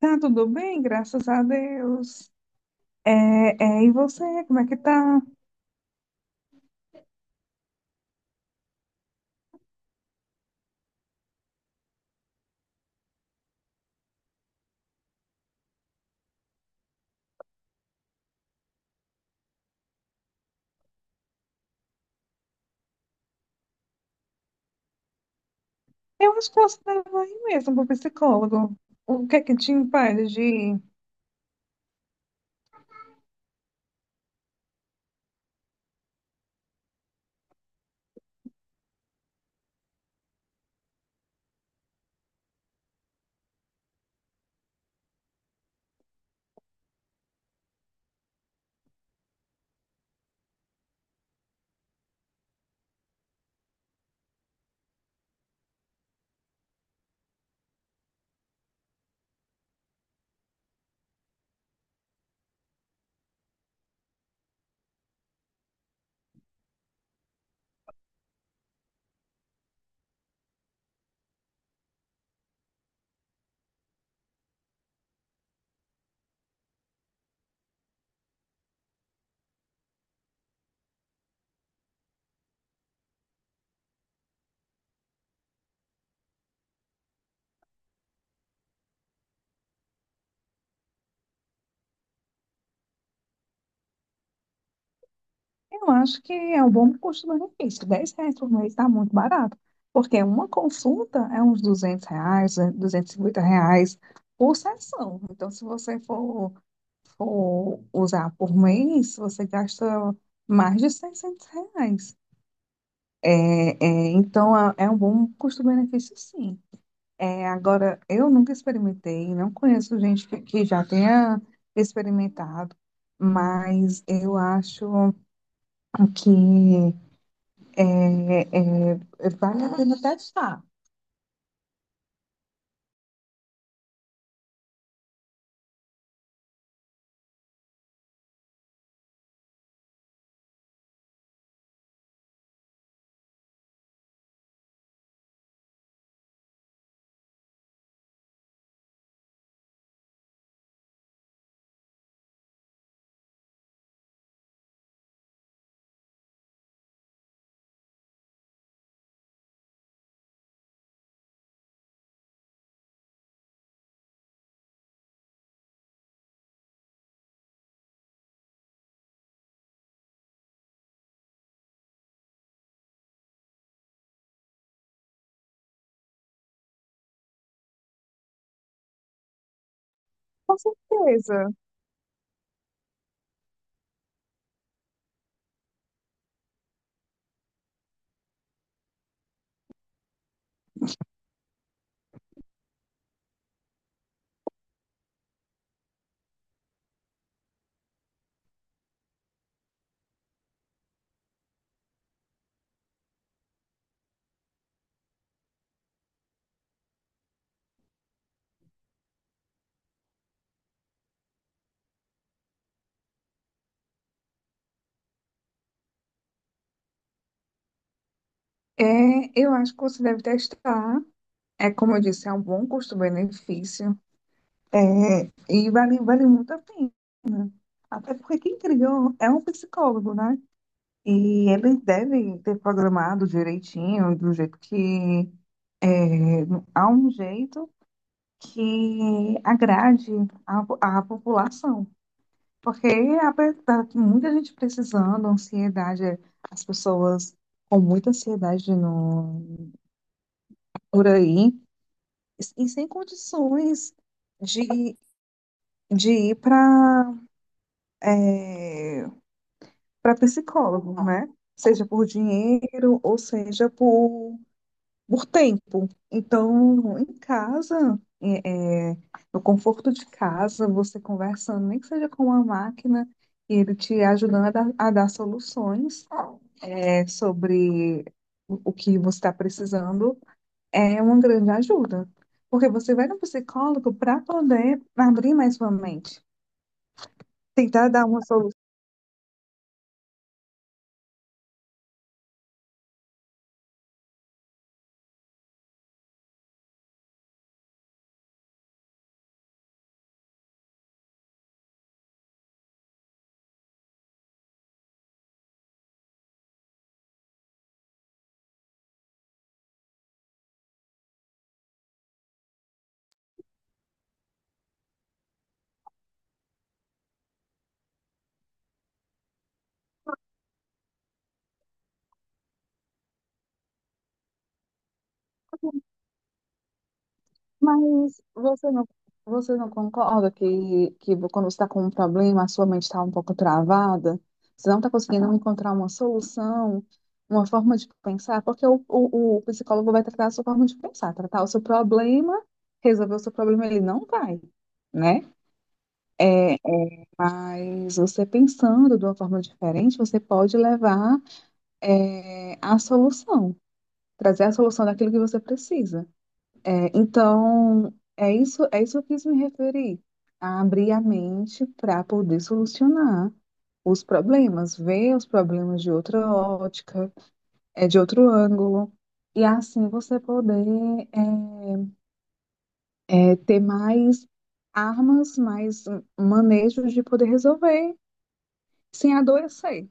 Tá tudo bem, graças a Deus. É, e você, como é que tá? Eu acho que você deve ir mesmo pro psicólogo. O que é que te impede de ir? Eu acho que é um bom custo-benefício. R$ 10 por mês tá muito barato. Porque uma consulta é uns R$ 200, R$ 250 por sessão. Então, se você for usar por mês, você gasta mais de R$ 600. É, é, então, é um bom custo-benefício, sim. Agora, eu nunca experimentei, não conheço gente que já tenha experimentado, mas eu acho que é, vale a pena testar. Com certeza. É, eu acho que você deve testar. É, como eu disse, é um bom custo-benefício. É, e vale muito a pena. Até porque quem criou é um psicólogo, né? E ele deve ter programado direitinho, do jeito que a um jeito que agrade a população. Porque está muita gente precisando, ansiedade, as pessoas com muita ansiedade no, por aí, e sem condições de, de ir para é, para psicólogo, né? Seja por dinheiro ou seja por tempo. Então, em casa, no conforto de casa, você conversando, nem que seja com uma máquina, e ele te ajudando a dar soluções sobre o que você está precisando, é uma grande ajuda. Porque você vai no psicólogo para poder abrir mais sua mente, tentar dar uma. Mas você não, Você não concorda que quando você está com um problema, a sua mente está um pouco travada? Você não está conseguindo encontrar uma solução, uma forma de pensar? Porque o psicólogo vai tratar a sua forma de pensar, tratar o seu problema, resolver o seu problema, ele não vai, né? Mas você pensando de uma forma diferente, você pode levar, a solução, trazer a solução daquilo que você precisa. Então, é isso que eu quis me referir, a abrir a mente para poder solucionar os problemas, ver os problemas de outra ótica, de outro ângulo, e assim você poder ter mais armas, mais manejos de poder resolver sem adoecer.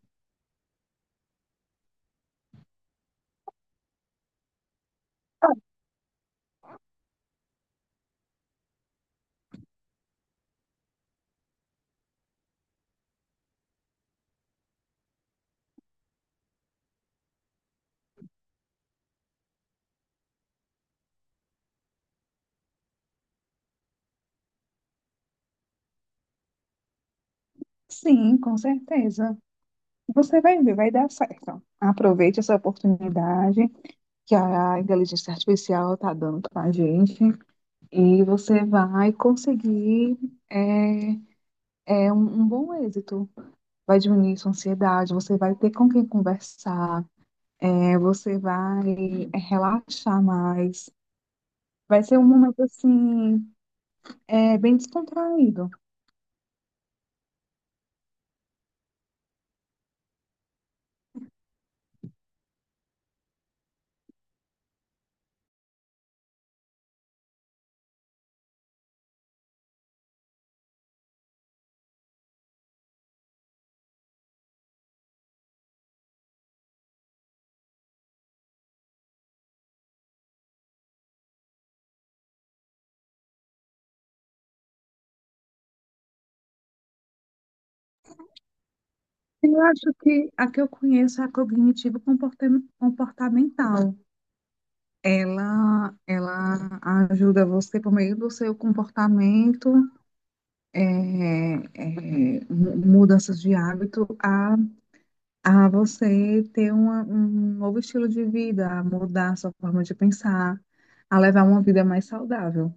Sim, com certeza. Você vai ver, vai dar certo. Aproveite essa oportunidade que a inteligência artificial está dando para a gente. E você vai conseguir é, é um, um bom êxito. Vai diminuir sua ansiedade, você vai ter com quem conversar, você vai relaxar mais. Vai ser um momento assim, bem descontraído. Eu acho que a que eu conheço é a cognitivo comportamental. Ela ajuda você por meio do seu comportamento, é, mudanças de hábito, a você ter um novo estilo de vida, a mudar a sua forma de pensar, a levar uma vida mais saudável.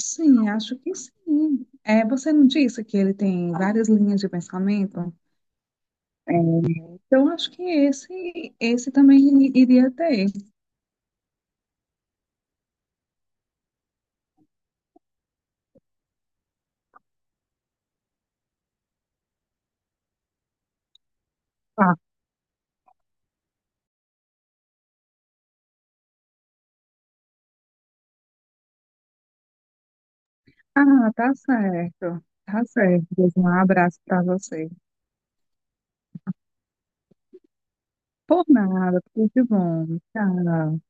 Sim, acho que sim. É, você não disse que ele tem várias linhas de pensamento? É. Então, acho que esse também iria ter. Tá. Ah, tá certo. Tá certo. Um abraço para você. Por nada, tudo de bom. Tchau.